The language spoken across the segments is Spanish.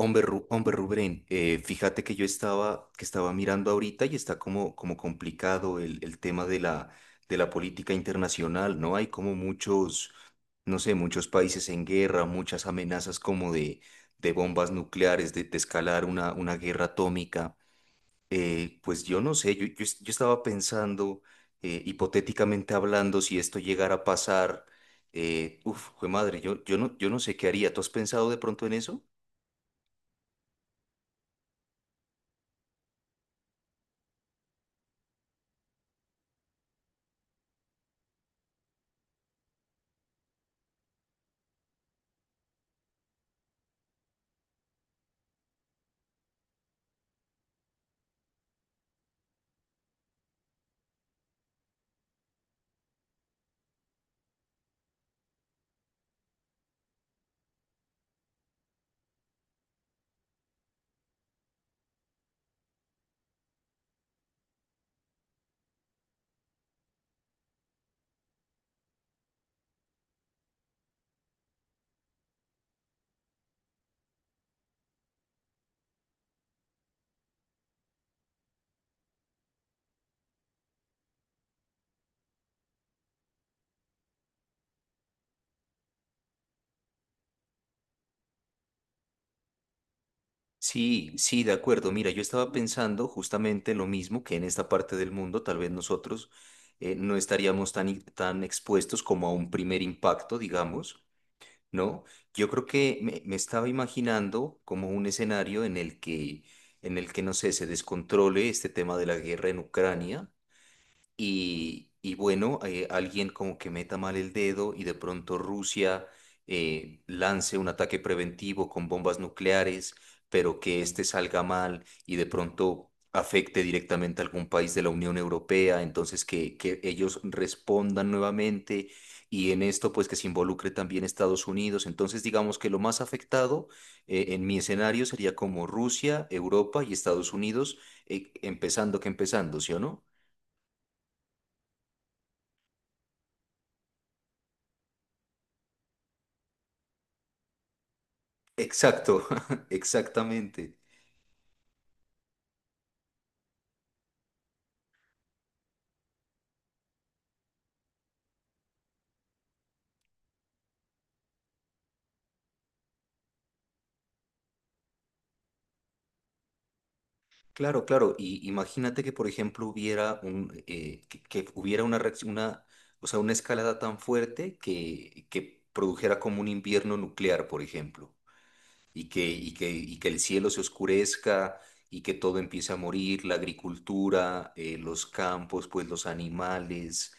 Hombre, hombre Rubén, fíjate que que estaba mirando ahorita y está como, como complicado el tema de la política internacional, ¿no? Hay como muchos, no sé, muchos países en guerra, muchas amenazas como de bombas nucleares, de escalar una guerra atómica. Pues yo no sé, yo estaba pensando, hipotéticamente hablando, si esto llegara a pasar, jue madre, yo no sé qué haría. ¿Tú has pensado de pronto en eso? Sí, sí, de acuerdo. Mira, yo estaba pensando justamente lo mismo que en esta parte del mundo, tal vez nosotros no estaríamos tan expuestos como a un primer impacto, digamos, ¿no? Yo creo que me estaba imaginando como un escenario en en el que, no sé, se descontrole este tema de la guerra en Ucrania y bueno, alguien como que meta mal el dedo y de pronto Rusia lance un ataque preventivo con bombas nucleares, pero que este salga mal y de pronto afecte directamente a algún país de la Unión Europea, entonces que ellos respondan nuevamente y en esto pues que se involucre también Estados Unidos. Entonces digamos que lo más afectado, en mi escenario sería como Rusia, Europa y Estados Unidos, empezando, ¿sí o no? Exacto, exactamente. Claro, claro. Y imagínate que, por ejemplo, que hubiera una reacción, o sea, una escalada tan fuerte que produjera como un invierno nuclear, por ejemplo, y que el cielo se oscurezca y que todo empiece a morir, la agricultura, los campos, pues los animales,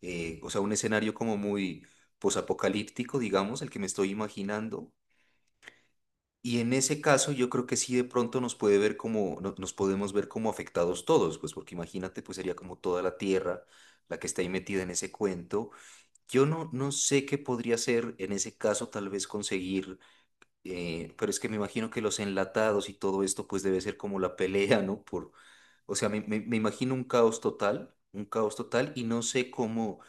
o sea, un escenario como muy posapocalíptico, digamos, el que me estoy imaginando. Y en ese caso yo creo que sí de pronto nos puede ver como, nos podemos ver como afectados todos, pues porque imagínate, pues sería como toda la tierra la que está ahí metida en ese cuento. Yo no, no sé qué podría ser en ese caso tal vez conseguir, pero es que me imagino que los enlatados y todo esto pues debe ser como la pelea, ¿no? Por, o sea, me imagino un caos total y no sé cómo,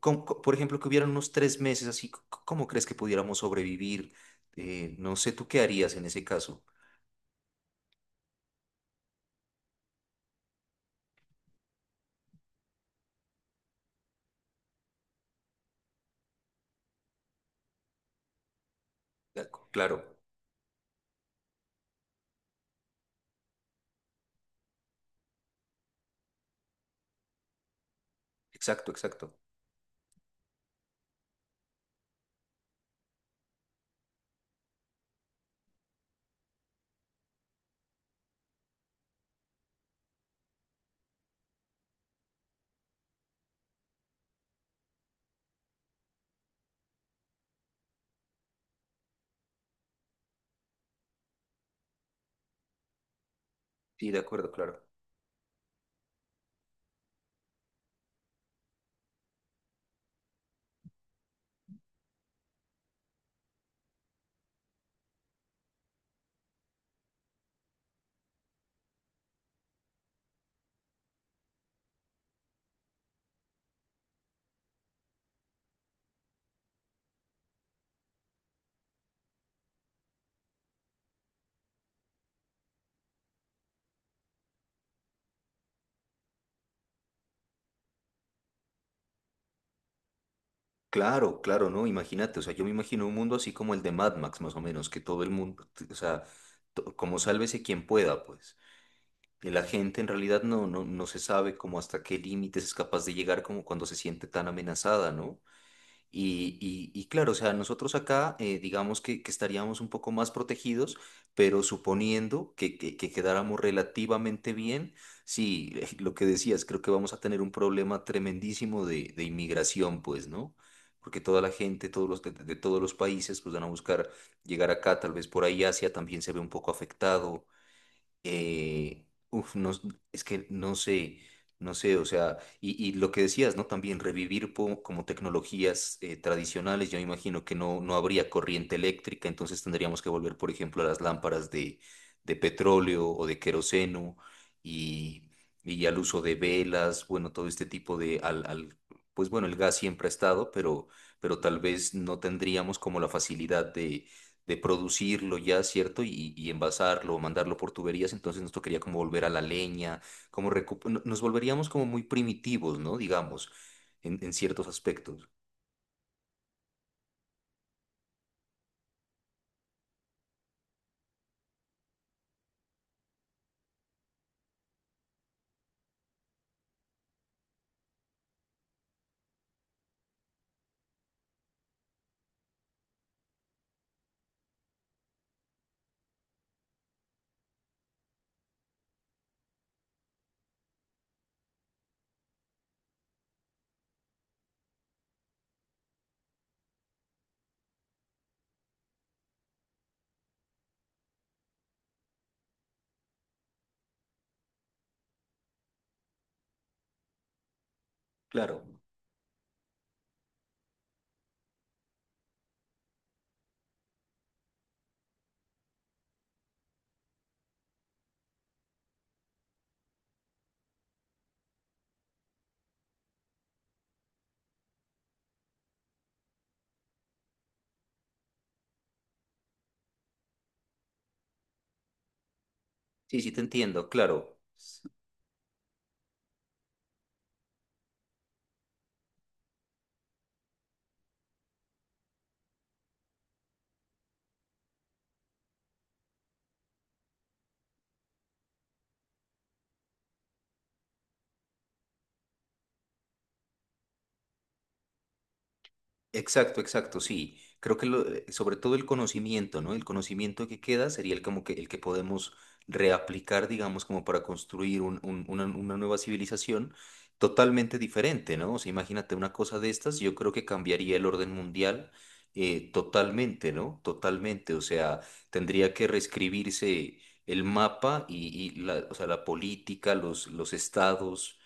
por ejemplo, que hubieran unos tres meses así, ¿cómo crees que pudiéramos sobrevivir? No sé, ¿tú qué harías en ese caso? Claro, exacto, exacto. Sí, de acuerdo, claro. Claro, claro, ¿no? Imagínate, o sea, yo me imagino un mundo así como el de Mad Max, más o menos, que todo el mundo, o sea, como sálvese quien pueda, pues. Y la gente en realidad no se sabe como hasta qué límites es capaz de llegar como cuando se siente tan amenazada, ¿no? Y claro, o sea, nosotros acá, digamos que estaríamos un poco más protegidos, pero suponiendo que quedáramos relativamente bien, sí, lo que decías, creo que vamos a tener un problema tremendísimo de inmigración, pues, ¿no? Porque toda la gente, todos los de todos los países, pues van a buscar llegar acá, tal vez por ahí Asia también se ve un poco afectado. Uf, no, s- es que no sé, no sé, o sea, y lo que decías, ¿no? También revivir como tecnologías tradicionales, yo me imagino que no, no habría corriente eléctrica, entonces tendríamos que volver, por ejemplo, a las lámparas de petróleo o de queroseno y, y al uso de velas, bueno, todo este tipo de, pues bueno, el gas siempre ha estado, pero tal vez no tendríamos como la facilidad de producirlo ya, ¿cierto? Y envasarlo, mandarlo por tuberías, entonces nos tocaría como volver a la leña, como recu- no- nos volveríamos como muy primitivos, ¿no? Digamos, en ciertos aspectos. Claro, sí, sí, te entiendo, claro. Exacto, exacto, sí. Creo que sobre todo el conocimiento, ¿no? El conocimiento que queda sería el como que el que podemos reaplicar, digamos, como para construir una nueva civilización totalmente diferente, ¿no? O sea, imagínate una cosa de estas, yo creo que cambiaría el orden mundial totalmente, ¿no? Totalmente. O sea, tendría que reescribirse el mapa y la, o sea, la política, los estados,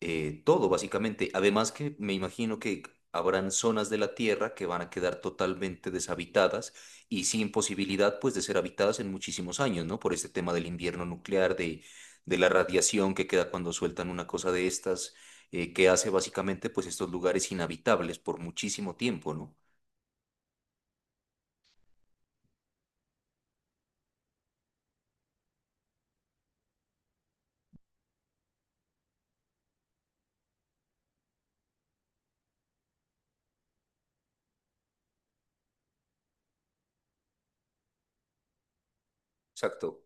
todo, básicamente. Además que me imagino que habrán zonas de la Tierra que van a quedar totalmente deshabitadas y sin posibilidad, pues, de ser habitadas en muchísimos años, ¿no? Por este tema del invierno nuclear, de la radiación que queda cuando sueltan una cosa de estas, que hace básicamente, pues, estos lugares inhabitables por muchísimo tiempo, ¿no? Exacto.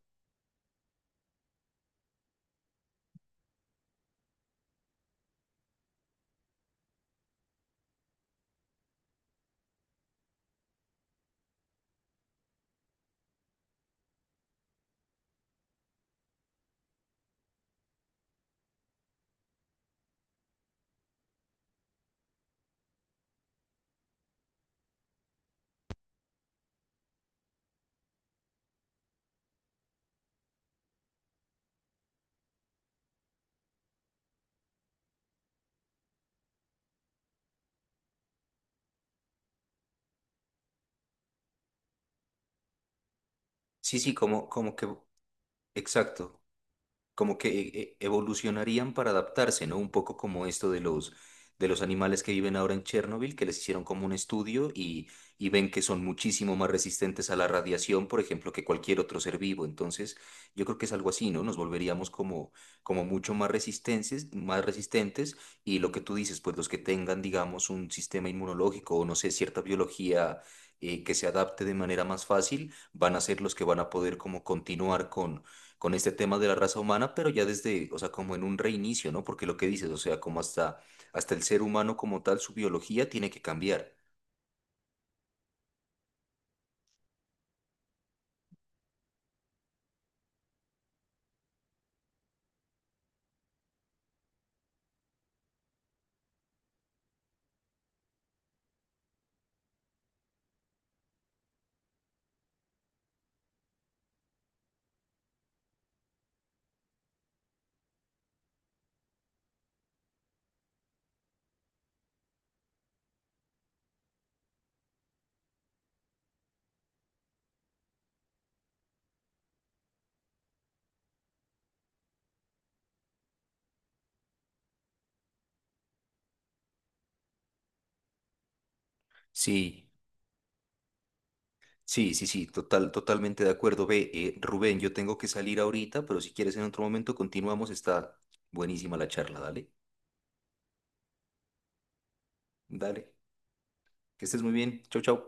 Sí, sí, como, como que, exacto. Como que evolucionarían para adaptarse, ¿no? Un poco como esto de los animales que viven ahora en Chernóbil, que les hicieron como un estudio y ven que son muchísimo más resistentes a la radiación, por ejemplo, que cualquier otro ser vivo. Entonces, yo creo que es algo así, ¿no? Nos volveríamos como, como mucho más resistentes y lo que tú dices, pues los que tengan, digamos, un sistema inmunológico o no sé, cierta biología, que se adapte de manera más fácil, van a ser los que van a poder como continuar con este tema de la raza humana, pero ya desde, o sea, como en un reinicio, ¿no? Porque lo que dices, o sea, como hasta, hasta el ser humano como tal, su biología tiene que cambiar. Sí, sí, sí, sí, total, totalmente de acuerdo. Ve, Rubén, yo tengo que salir ahorita, pero si quieres en otro momento continuamos, está buenísima la charla, dale, dale, que estés muy bien, chau, chau.